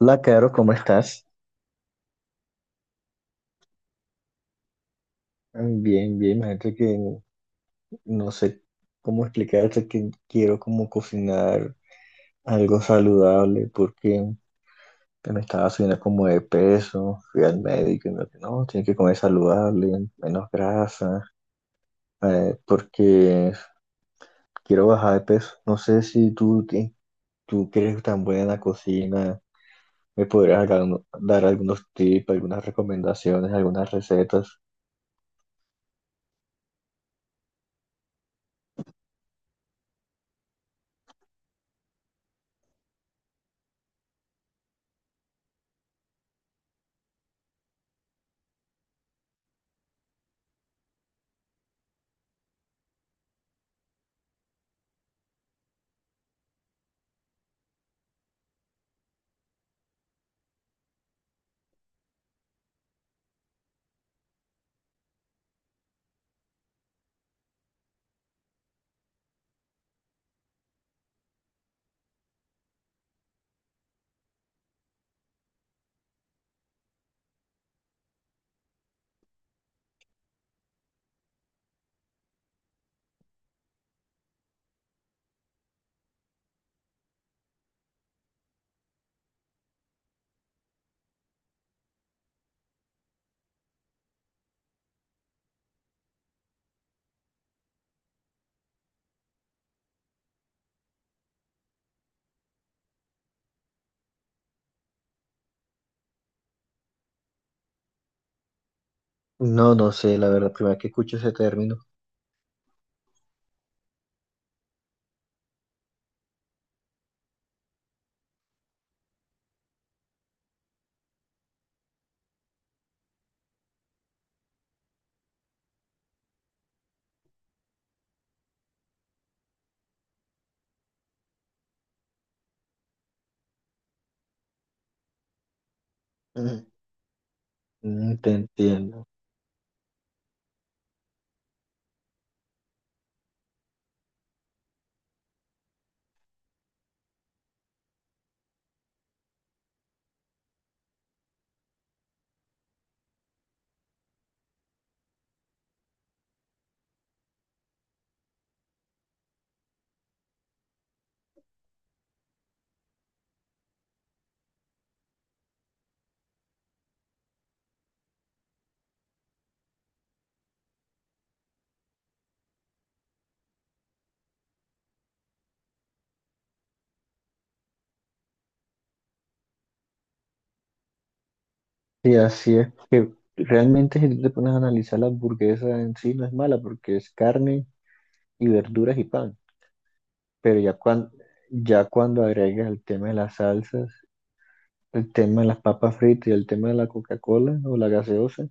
Hola, Caro, ¿cómo estás? Bien, imagínate que no sé cómo explicarte que quiero como cocinar algo saludable porque me estaba subiendo como de peso. Fui al médico y me dijo, no, tienes que comer saludable, menos grasa, porque quiero bajar de peso. No sé si tú que eres tan buena en la cocina, me podrías dar algunos tips, algunas recomendaciones, algunas recetas. No, no sé, la verdad, primera vez que escucho ese término. Mm, te entiendo. Y así es. Que realmente si tú te pones a analizar la hamburguesa en sí no es mala porque es carne y verduras y pan. Pero ya cuando agregas el tema de las salsas, el tema de las papas fritas y el tema de la Coca-Cola o la gaseosa,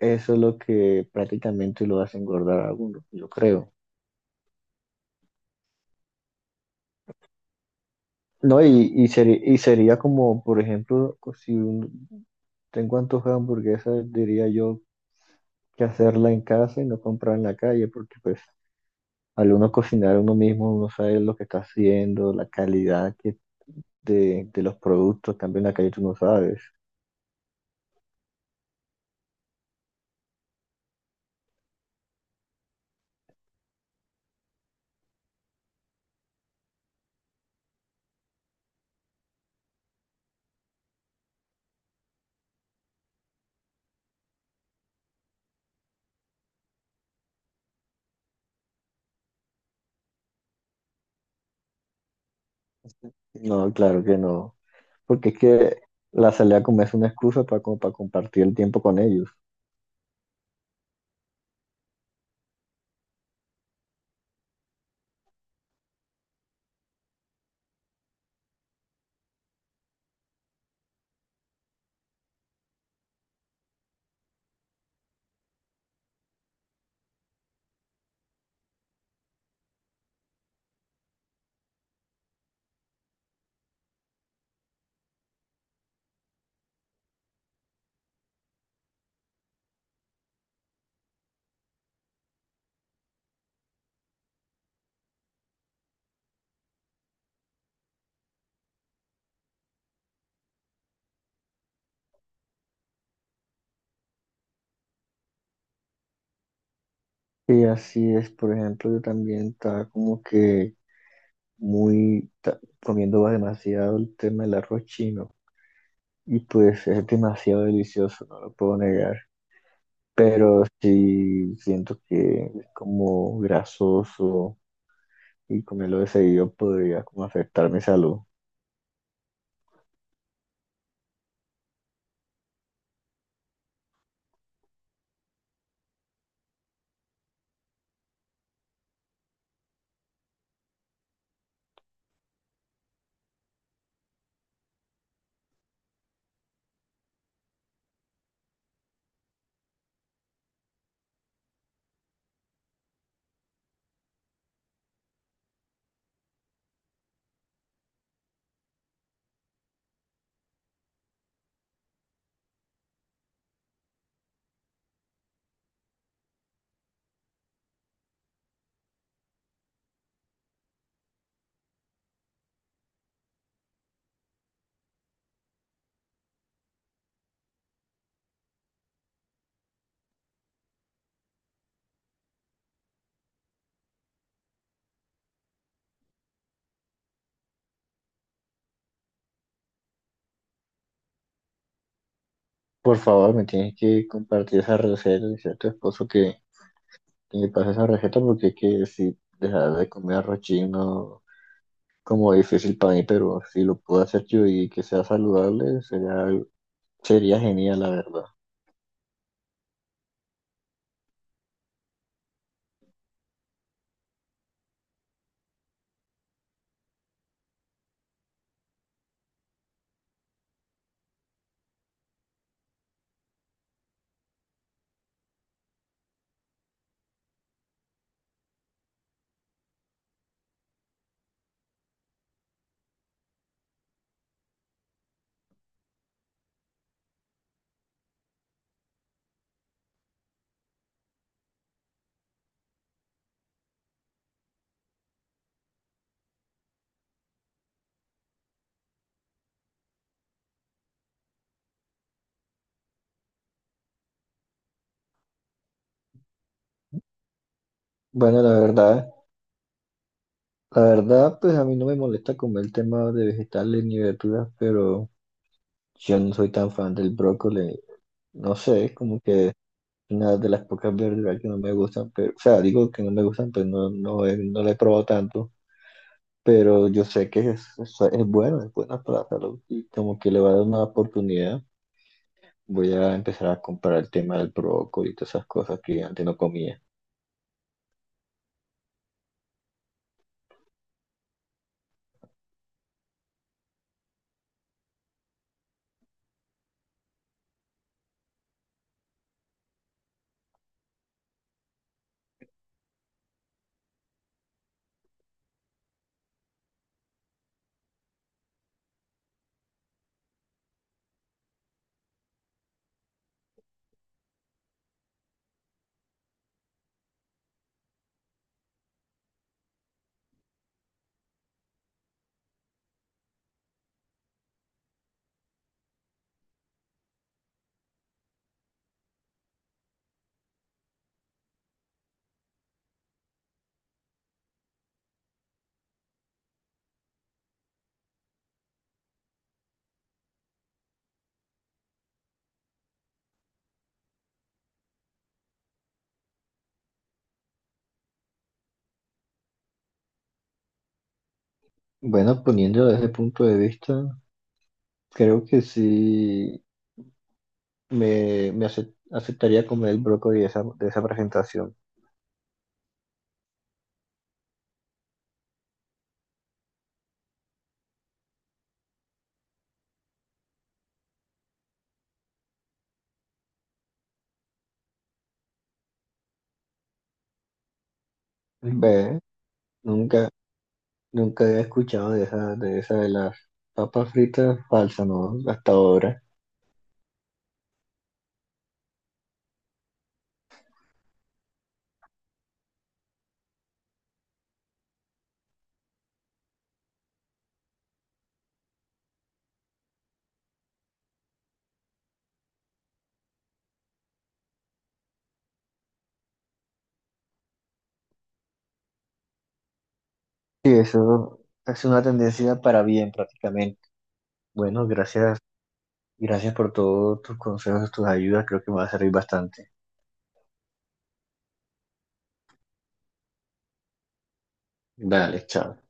eso es lo que prácticamente lo hace engordar a uno, yo creo. No, y sería como, por ejemplo, co- si un- tengo antojo de hamburguesa, diría yo que hacerla en casa y no comprar en la calle, porque pues al uno cocinar uno mismo, uno sabe lo que está haciendo, la calidad que de los productos. En cambio en la calle tú no sabes. No, claro que no. Porque es que la salida a comer es una excusa para, como para compartir el tiempo con ellos. Y así es, por ejemplo, yo también estaba como que comiendo demasiado el tema del arroz chino. Y pues es demasiado delicioso, no lo puedo negar. Pero sí siento que es como grasoso y comerlo de seguido podría como afectar mi salud. Por favor, me tienes que compartir esa receta, decir a tu esposo que me pase esa receta, porque es que si dejar de comer arroz chino como difícil para mí, pero si lo puedo hacer yo y que sea saludable, sería genial, la verdad. Bueno, la verdad, pues a mí no me molesta comer el tema de vegetales ni verduras, pero yo no soy tan fan del brócoli. No sé, como que una de las pocas verduras que no me gustan, pero, o sea, digo que no me gustan, pero no la he probado tanto, pero yo sé que es bueno, es buena para la salud, y como que le va a dar una oportunidad. Voy a empezar a comprar el tema del brócoli y todas esas cosas que antes no comía. Bueno, poniéndolo desde ese punto de vista, creo que sí aceptaría comer el brócoli de de esa presentación. Ve, nunca nunca había escuchado de de esa de las papas fritas falsas, ¿no? Hasta ahora. Sí, eso es una tendencia para bien prácticamente. Bueno, gracias por todos tus consejos, tus ayudas, creo que me va a servir bastante. Dale, chao.